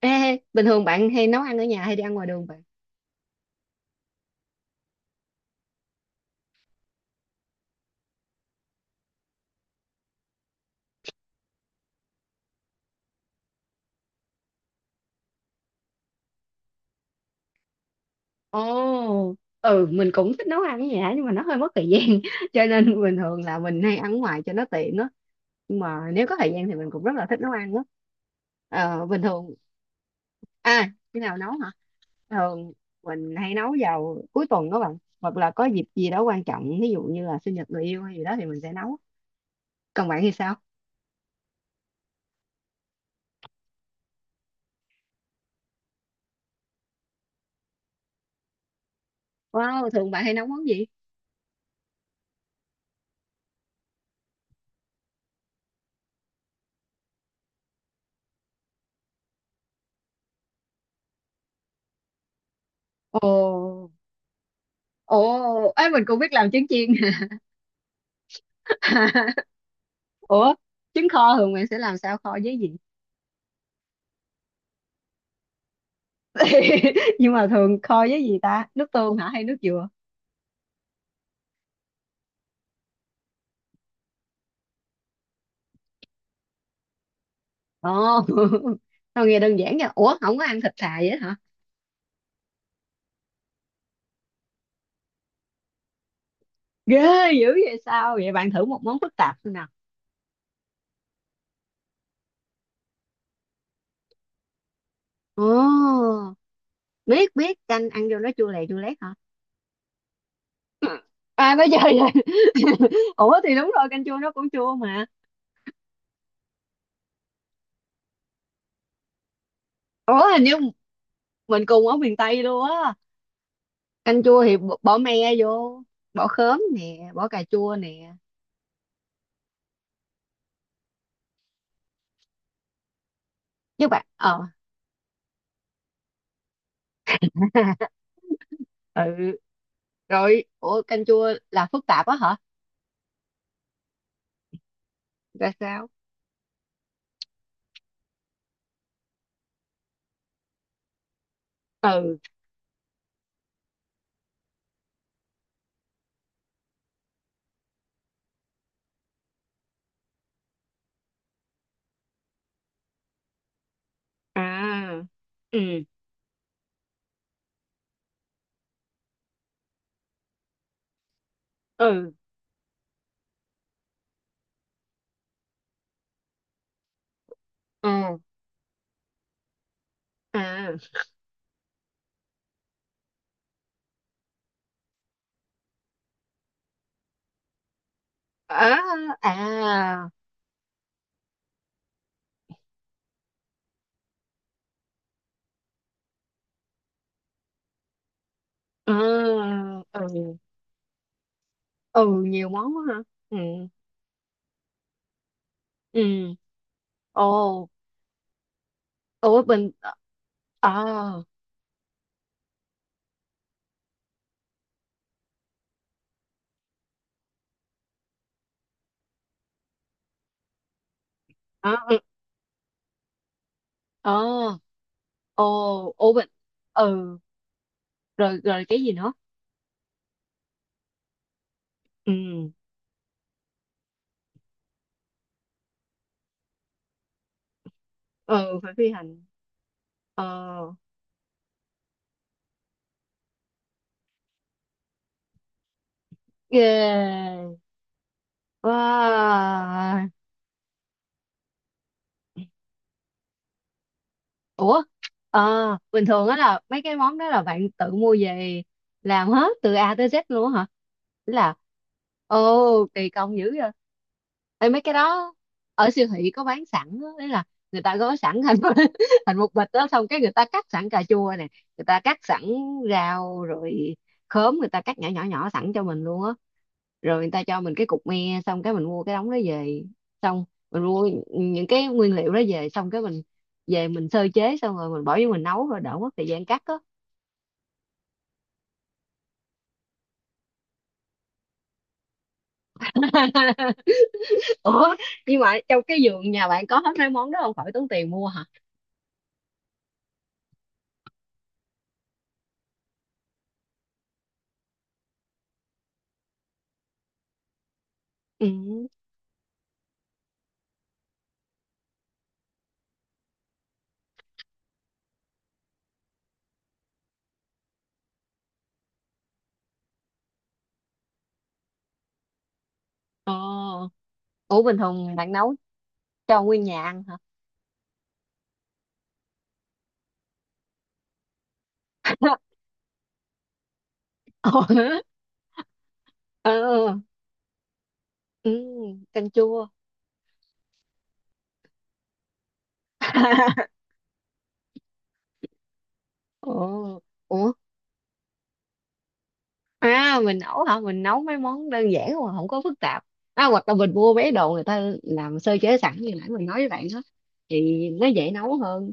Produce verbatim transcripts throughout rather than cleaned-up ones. Ê, bình thường bạn hay nấu ăn ở nhà hay đi ăn ngoài đường bạn? Ồ, ừ mình cũng thích nấu ăn ở nhà nhưng mà nó hơi mất thời gian cho nên bình thường là mình hay ăn ngoài cho nó tiện á. Nhưng mà nếu có thời gian thì mình cũng rất là thích nấu ăn á. Ờ, bình thường à, khi nào nấu hả? Thường mình hay nấu vào cuối tuần đó bạn, hoặc là có dịp gì đó quan trọng, ví dụ như là sinh nhật người yêu hay gì đó thì mình sẽ nấu. Còn bạn thì sao? Wow, thường bạn hay nấu món gì? Ồ, ồ ấy, mình cũng biết làm trứng chiên. Ủa, trứng kho thường bạn sẽ làm sao, kho với gì? Nhưng mà thường kho với gì ta, nước tương hả hay nước dừa? Ồ. Tao nghe đơn giản nha. Ủa, không có ăn thịt thà vậy hả? Ghê dữ vậy, sao vậy bạn, thử một món phức tạp xem nào. Ồ, biết biết, canh ăn vô nó chua lè chua lét hả? À, nó chơi vậy. Ủa thì đúng rồi, canh chua nó cũng chua mà. Ủa, hình như mình cùng ở miền Tây luôn á. Canh chua thì b- bỏ me vô, bỏ khóm nè, bỏ cà chua nè. Chứ bạn, ờ. Ừ. Rồi, ủa canh chua là phức tạp á hả? Ra sao? Ừ. À. Ừ, ừ, ừ. À, à, à. Ừ, ừ, ừ, nhiều món quá hả. Ừ. Ừ. Ồ. Ủa bình ờ, ờ, ờ. Ồ, ủa bình ừ, rồi rồi cái gì nữa? Ừ. Ừ, phải phi hành. Ờ. Ghê. Wow. Ủa, ờ, bình thường á là mấy cái món đó là bạn tự mua về, làm hết từ A tới dét luôn á hả? Ý là. Ồ, kỳ công dữ vậy. Ê, mấy cái đó ở siêu thị có bán sẵn á, đấy là người ta gói sẵn thành thành một bịch đó, xong cái người ta cắt sẵn cà chua nè, người ta cắt sẵn rau rồi, khóm người ta cắt nhỏ nhỏ nhỏ sẵn cho mình luôn á, rồi người ta cho mình cái cục me, xong cái mình mua cái đống đó về, xong mình mua những cái nguyên liệu đó về xong cái mình về mình sơ chế xong rồi mình bỏ vô mình nấu, rồi đỡ mất thời gian cắt á. Ủa, nhưng mà trong cái vườn nhà bạn có hết mấy món đó, không phải tốn tiền mua hả? Ừ. Ờ. Ủa bình thường bạn nấu cho nguyên nhà ăn hả? Ờ. Ừ. Ừ. Canh chua. Ủa. Ủa, à mình nấu hả, mình nấu mấy món đơn giản mà không có phức tạp à, hoặc là mình mua mấy đồ người ta làm sơ chế sẵn như nãy mình nói với bạn đó, thì nó dễ nấu hơn.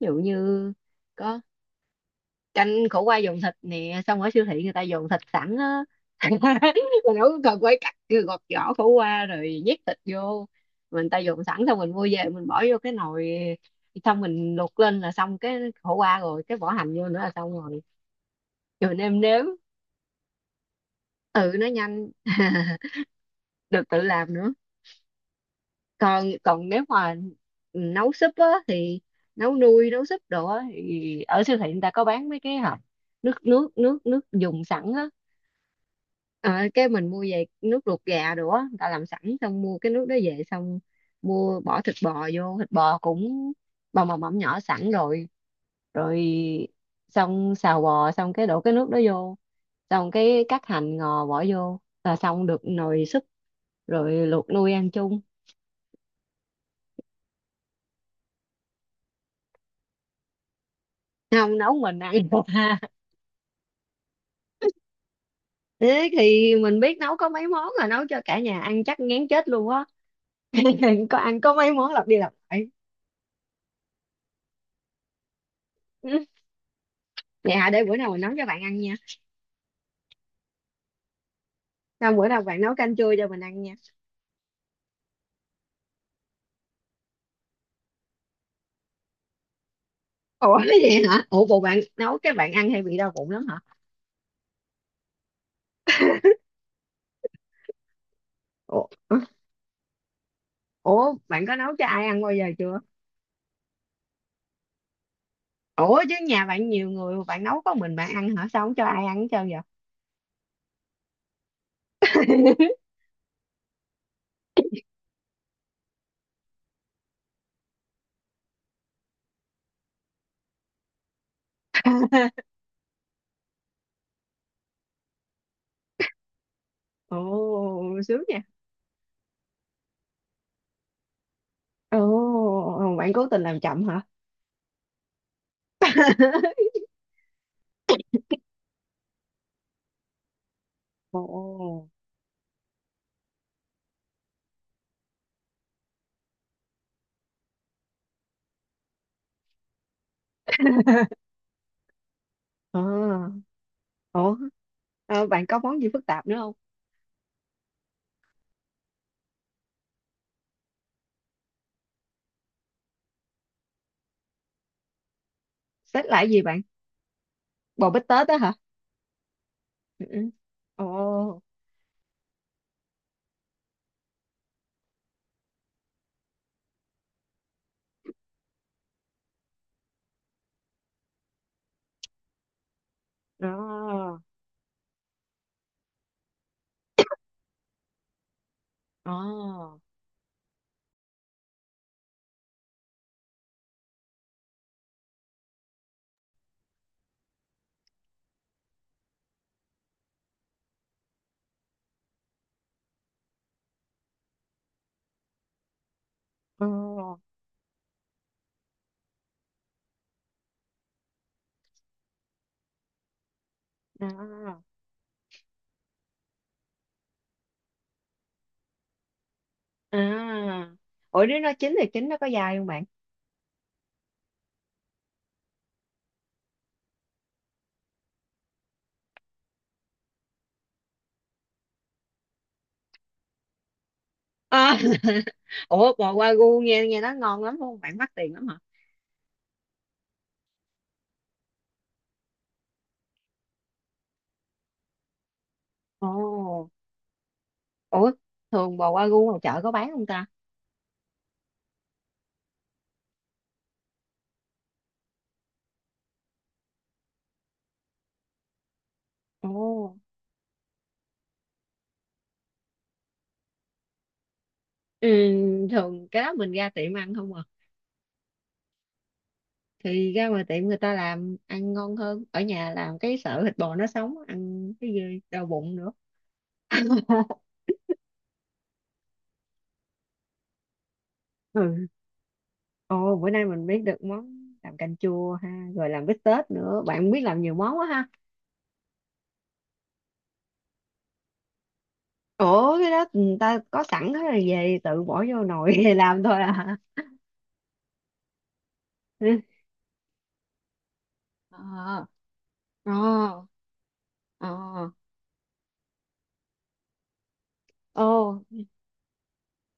Ví dụ như có canh khổ qua dùng thịt nè, xong ở siêu thị người ta dùng thịt sẵn á. Mình đâu có cần phải cắt, cứ gọt vỏ khổ qua rồi nhét thịt vô. Mình ta dùng sẵn, xong mình mua về mình bỏ vô cái nồi, xong mình luộc lên là xong cái khổ qua, rồi cái bỏ hành vô nữa là xong rồi. Rồi mình nêm nếm. Ừ, nó nhanh. Được tự làm nữa. Còn còn nếu mà nấu súp á thì nấu nuôi, nấu súp đồ á thì ở siêu thị người ta có bán mấy cái hộp nước nước nước nước dùng sẵn á. Ờ, cái mình mua về, nước luộc gà đồ á người ta làm sẵn, xong mua cái nước đó về, xong mua bỏ thịt bò vô, thịt bò cũng bò mỏng mỏng nhỏ sẵn rồi. Rồi xong xào bò xong cái đổ cái nước đó vô, xong cái cắt hành ngò bỏ vô là xong được nồi súp, rồi luộc nuôi ăn chung. Không, nấu mình ăn được. Ha, thế thì mình biết nấu có mấy món, là nấu cho cả nhà ăn chắc ngán chết luôn á. Có ăn có mấy món lặp đi lặp lại. Ừ. Dạ, để bữa nào mình nấu cho bạn ăn nha. Sao bữa nào bạn nấu canh chua cho mình ăn nha. Ủa cái gì hả? Ủa bộ bạn nấu cái bạn ăn hay bị đau bụng lắm hả? Ủa, ủa bạn có nấu cho ai ăn bao giờ chưa? Ủa chứ nhà bạn nhiều người mà bạn nấu có mình bạn ăn hả? Sao không cho ai ăn hết trơn vậy? Ồ sướng nha. Ồ bạn cố tình làm chậm hả? Ồ. À. Ủa, ờ, bạn có món gì phức tạp nữa không? Xếp lại gì bạn? Bò bít tết đó hả? Ừ. Ừ. Ồ. Đó. Ồ. Ồ. À. À. Ủa nếu nó chín thì chín nó có dai không bạn? À. Ủa bò wagyu nghe nghe nó ngon lắm không bạn, mắc tiền lắm hả? Ồ. Ủa, thường bò wagyu ngoài chợ có bán không ta? Ồ. Ừ, thường cái đó mình ra tiệm ăn không à. Thì ra ngoài tiệm người ta làm ăn ngon hơn, ở nhà làm cái sợ thịt bò nó sống ăn cái gì đau bụng nữa. Ừ. Ồ bữa nay mình biết được món làm canh chua ha, rồi làm bít tết nữa, bạn biết làm nhiều món quá. Ủa cái đó người ta có sẵn hết rồi về tự bỏ vô nồi làm thôi à. Ừ. Ờ. Ờ. Ờ. Ồ.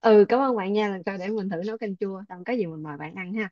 Ừ, cảm ơn bạn nha, lần sau để mình thử nấu canh chua, xong có gì mình mời bạn ăn ha.